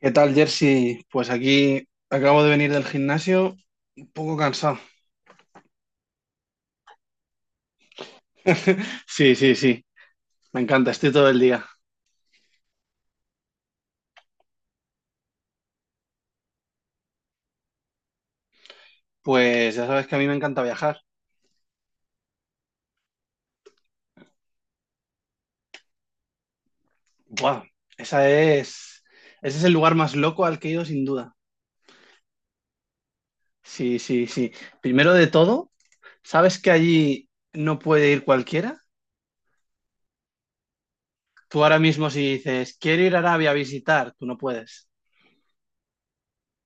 ¿Qué tal, Jersey? Pues aquí acabo de venir del gimnasio, un poco cansado. Sí, sí, sí, me encanta, estoy todo el día. Pues ya sabes que a mí me encanta viajar. ¡Buah! Esa es, ese es el lugar más loco al que he ido sin duda. Sí, sí, sí. Primero de todo, ¿sabes que allí no puede ir cualquiera? Tú ahora mismo si dices, quiero ir a Arabia a visitar, tú no puedes.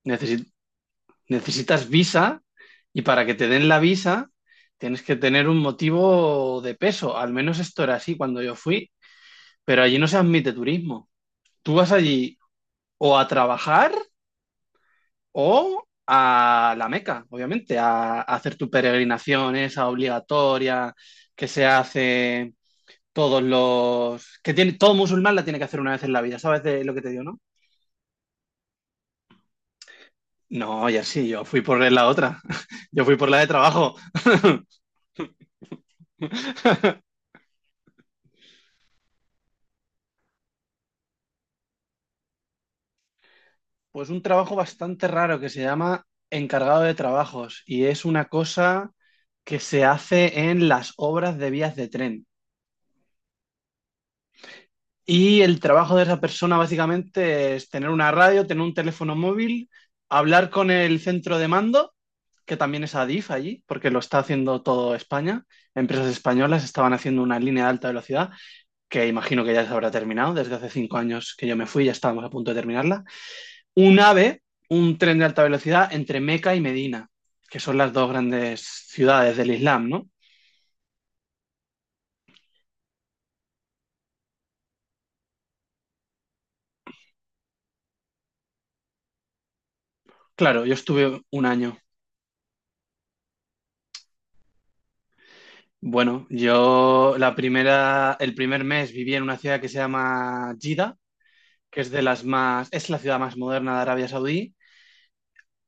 Necesi- necesitas visa y para que te den la visa tienes que tener un motivo de peso. Al menos esto era así cuando yo fui, pero allí no se admite turismo. Tú vas allí o a trabajar o a la Meca, obviamente, a hacer tu peregrinación esa obligatoria que se hace que tiene, todo musulmán la tiene que hacer una vez en la vida, ¿sabes de lo que te digo, no? No, ya sí, yo fui por la otra, yo fui por la de trabajo. Pues un trabajo bastante raro que se llama encargado de trabajos y es una cosa que se hace en las obras de vías de tren. Y el trabajo de esa persona básicamente es tener una radio, tener un teléfono móvil, hablar con el centro de mando, que también es Adif allí, porque lo está haciendo todo España. Empresas españolas estaban haciendo una línea de alta velocidad, que imagino que ya se habrá terminado, desde hace 5 años que yo me fui, ya estábamos a punto de terminarla. Un AVE, un tren de alta velocidad entre Meca y Medina, que son las dos grandes ciudades del Islam, ¿no? Claro, yo estuve un año. Bueno, yo la primera, el primer mes viví en una ciudad que se llama Jeddah, que es de las más, es la ciudad más moderna de Arabia Saudí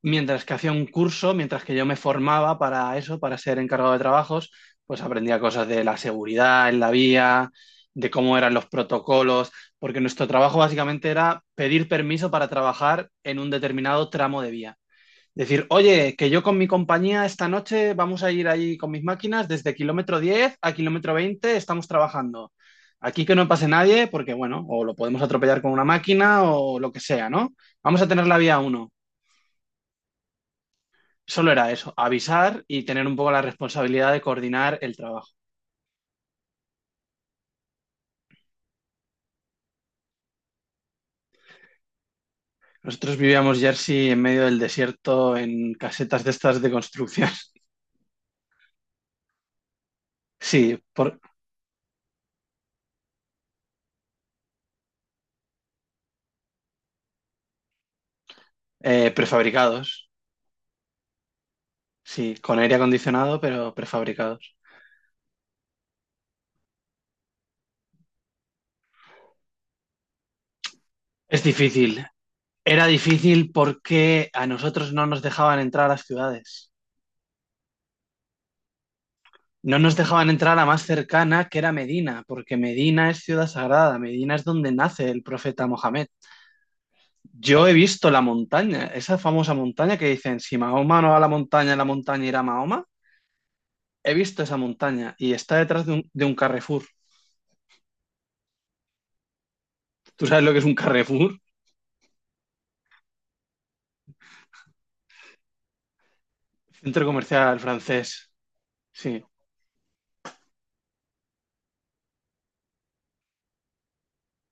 mientras que hacía un curso, mientras que yo me formaba para eso, para ser encargado de trabajos, pues aprendía cosas de la seguridad en la vía, de cómo eran los protocolos, porque nuestro trabajo básicamente era pedir permiso para trabajar en un determinado tramo de vía. Decir, oye, que yo con mi compañía esta noche vamos a ir ahí con mis máquinas desde kilómetro 10 a kilómetro 20 estamos trabajando. Aquí que no pase nadie, porque bueno, o lo podemos atropellar con una máquina o lo que sea, ¿no? Vamos a tener la vía uno. Solo era eso, avisar y tener un poco la responsabilidad de coordinar el trabajo. Nosotros vivíamos Jersey en medio del desierto en casetas de estas de construcción. Sí, por, prefabricados. Sí, con aire acondicionado, pero prefabricados. Es difícil. Era difícil porque a nosotros no nos dejaban entrar a las ciudades. No nos dejaban entrar a la más cercana, que era Medina, porque Medina es ciudad sagrada. Medina es donde nace el profeta Mohamed. Yo he visto la montaña, esa famosa montaña que dicen, si Mahoma no va a la montaña irá a Mahoma. He visto esa montaña y está detrás de un Carrefour. ¿Tú sabes lo que es un Carrefour? Centro comercial francés. Sí.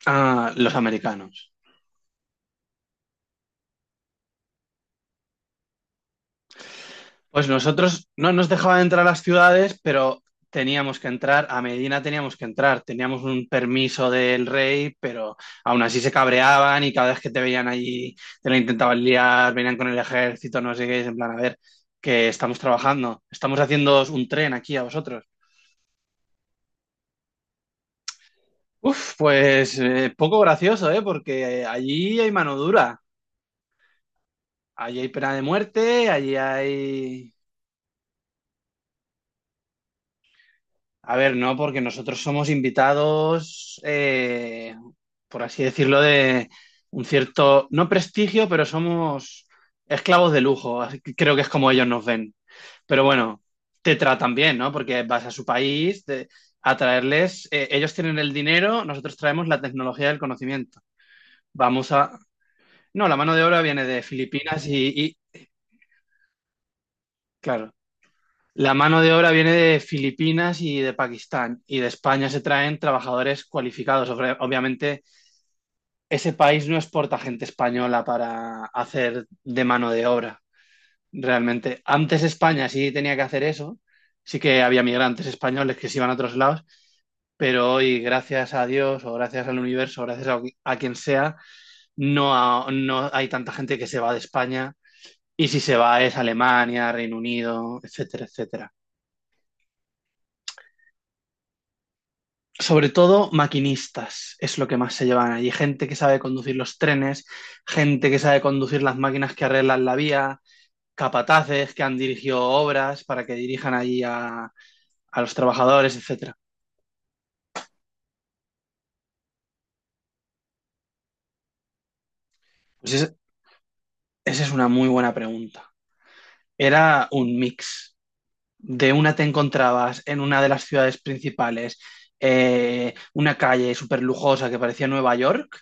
Ah, los americanos. Pues nosotros no nos dejaban entrar a las ciudades, pero teníamos que entrar, a Medina teníamos que entrar, teníamos un permiso del rey, pero aún así se cabreaban y cada vez que te veían allí te la intentaban liar, venían con el ejército, no sé qué, es en plan, a ver, que estamos trabajando, estamos haciendo un tren aquí a vosotros. Uf, pues poco gracioso, ¿eh? Porque allí hay mano dura, allí hay pena de muerte, allí hay. A ver, no, porque nosotros somos invitados, por así decirlo, de un cierto, no prestigio, pero somos esclavos de lujo. Así que creo que es como ellos nos ven. Pero bueno, te tratan bien, ¿no? Porque vas a su país a traerles, ellos tienen el dinero, nosotros traemos la tecnología del conocimiento. Vamos a... No, la mano de obra viene de Filipinas y, y- claro. La mano de obra viene de Filipinas y de Pakistán, y de España se traen trabajadores cualificados. Obviamente, ese país no exporta gente española para hacer de mano de obra, realmente. Antes España sí tenía que hacer eso, sí que había migrantes españoles que se iban a otros lados, pero hoy, gracias a Dios o gracias al universo, o gracias a quien sea, no, no hay tanta gente que se va de España, y si se va es Alemania, Reino Unido, etcétera, etcétera. Sobre todo maquinistas es lo que más se llevan allí. Gente que sabe conducir los trenes, gente que sabe conducir las máquinas que arreglan la vía, capataces que han dirigido obras para que dirijan allí a los trabajadores, etcétera. Pues esa es una muy buena pregunta. Era un mix. De una te encontrabas en una de las ciudades principales, una calle súper lujosa que parecía Nueva York,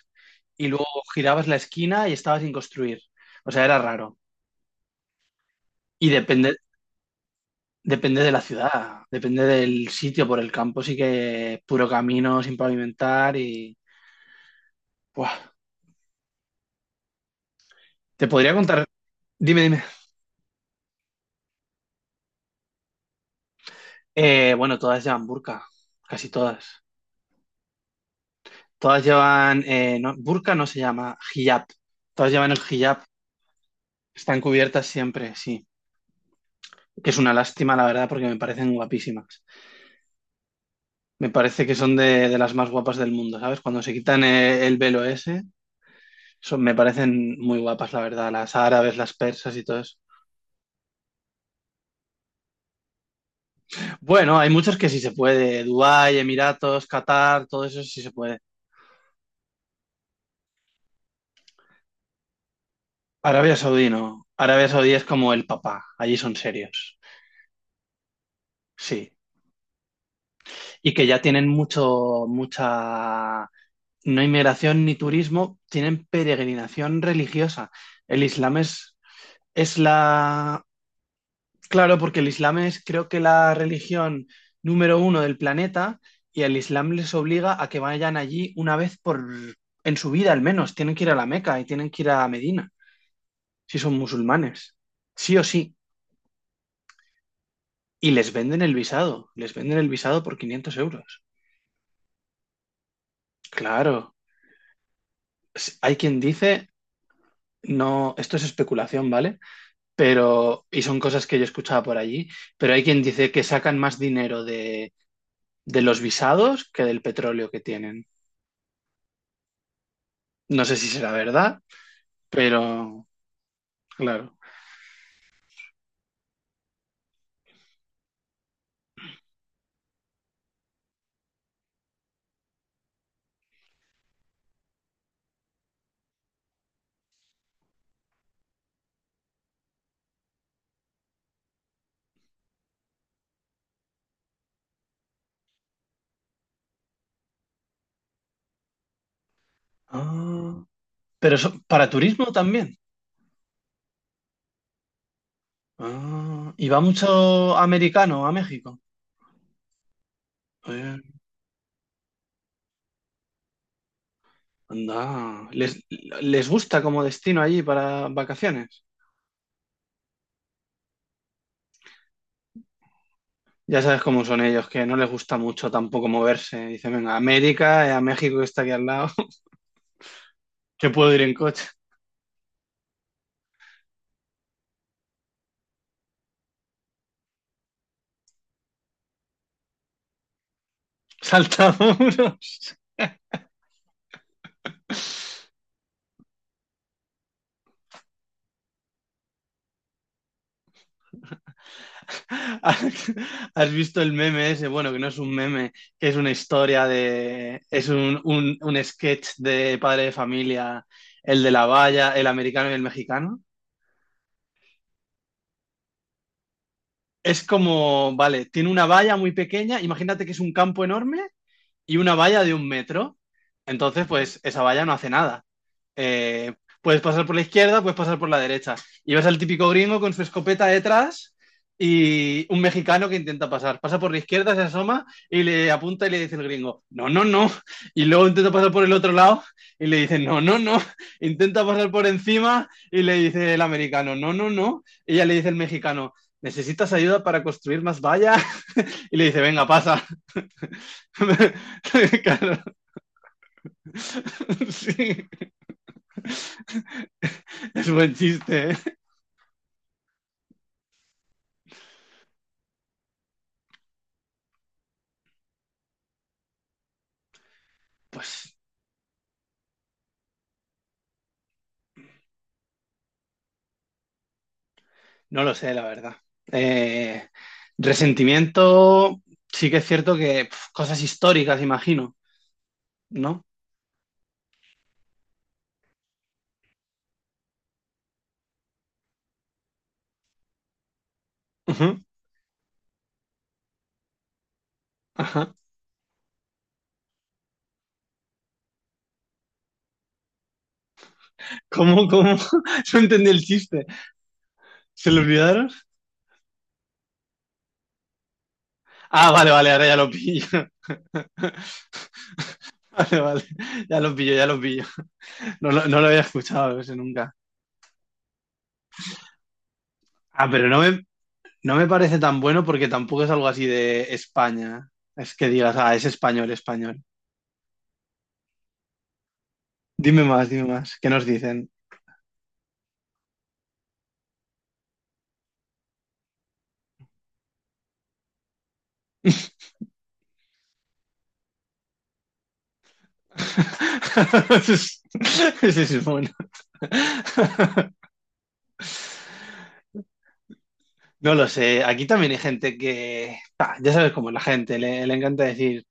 y luego girabas la esquina y estaba sin construir. O sea, era raro. Y depende, depende de la ciudad, depende del sitio por el campo, sí que es puro camino sin pavimentar y... Buah, te podría contar, dime, dime. Bueno, todas llevan burka, casi todas. Todas llevan, no, burka no se llama, hijab. Todas llevan el hijab, están cubiertas siempre, sí. Que es una lástima, la verdad, porque me parecen guapísimas. Me parece que son de las más guapas del mundo, ¿sabes? Cuando se quitan el velo ese, son, me parecen muy guapas, la verdad, las árabes, las persas y todo eso. Bueno, hay muchos que sí se puede. Dubái, Emiratos, Qatar, todo eso sí se puede. Arabia Saudí no. Arabia Saudí es como el papá. Allí son serios. Sí. Y que ya tienen mucho, mucha, no inmigración ni turismo, tienen peregrinación religiosa. El Islam es la, claro, porque el Islam es creo que la religión número uno del planeta y el Islam les obliga a que vayan allí una vez por, en su vida al menos. Tienen que ir a la Meca y tienen que ir a Medina, si son musulmanes, sí o sí, y les venden el visado, les venden el visado por 500 euros. Claro, hay quien dice, no, esto es especulación, ¿vale? Pero, y son cosas que yo escuchaba por allí, pero hay quien dice que sacan más dinero de los visados que del petróleo que tienen. No sé si será verdad, pero, claro. Ah, pero para turismo también. Ah, y va mucho americano a México. Anda, ¿Les gusta como destino allí para vacaciones? Ya sabes cómo son ellos, que no les gusta mucho tampoco moverse. Dicen, venga, América, a México que está aquí al lado, que puedo ir en coche. Saltamuros. ¿Has has visto el meme ese? Bueno, que no es un meme, que es una historia de... Es un sketch de padre de familia, el de la valla, el americano y el mexicano. Es como, vale, tiene una valla muy pequeña, imagínate que es un campo enorme y una valla de 1 metro, entonces pues esa valla no hace nada. Eh, Puedes pasar por la izquierda, puedes pasar por la derecha. Y ves al típico gringo con su escopeta detrás y un mexicano que intenta pasar. Pasa por la izquierda, se asoma y le apunta y le dice el gringo, no, no, no. Y luego intenta pasar por el otro lado y le dice, no, no, no. Intenta pasar por encima y le dice el americano, no, no, no. Y ya le dice el mexicano. ¿Necesitas ayuda para construir más valla? Y le dice, venga, pasa. sí, es buen chiste, ¿eh? Pues no lo sé, la verdad. Eh, Resentimiento, sí que es cierto que cosas históricas, imagino, ¿no? Ujú, ajá. ¿Cómo, cómo? No entendí el chiste. ¿Se lo olvidaron? Ah, vale, vale, ahora ya lo pillo. Vale, vale. Ya lo pillo, ya lo pillo. No, no lo había escuchado ese nunca. Ah, pero no me parece tan bueno porque tampoco es algo así de España. Es que digas, ah, es español, español. Dime más, dime más. ¿Qué nos dicen? Ese es Ese es bueno. No lo sé. Aquí también hay gente que. Ah, ya sabes cómo es la gente, le encanta decir.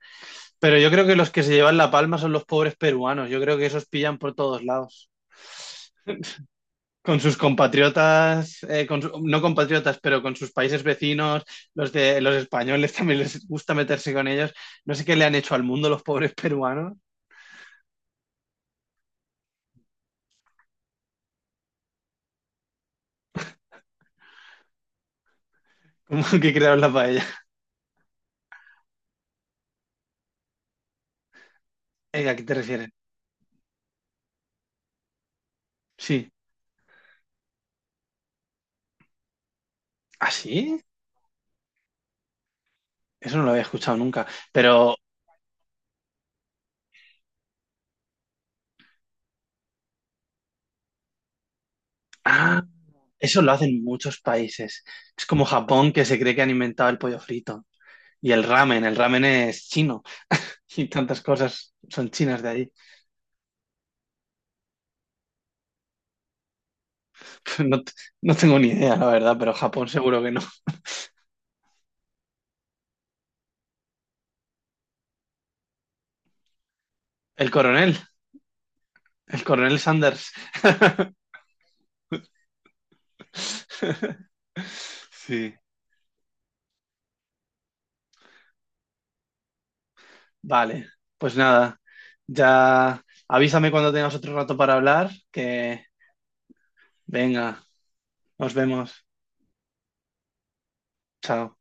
Pero yo creo que los que se llevan la palma son los pobres peruanos. Yo creo que esos pillan por todos lados. Con sus compatriotas, con no compatriotas, pero con sus países vecinos, los de los españoles también les gusta meterse con ellos. No sé qué le han hecho al mundo los pobres peruanos. Como que crearon la paella. ¿A qué te refieres? Sí. ¿Ah, sí? Eso no lo había escuchado nunca, pero ah, eso lo hacen muchos países. Es como Japón que se cree que han inventado el pollo frito y el ramen. El ramen es chino. Y tantas cosas son chinas de allí. No, no tengo ni idea, la verdad, pero Japón seguro que no. El coronel, el coronel Sanders. Sí. Vale, pues nada, ya avísame cuando tengas otro rato para hablar, que venga, nos vemos. Chao.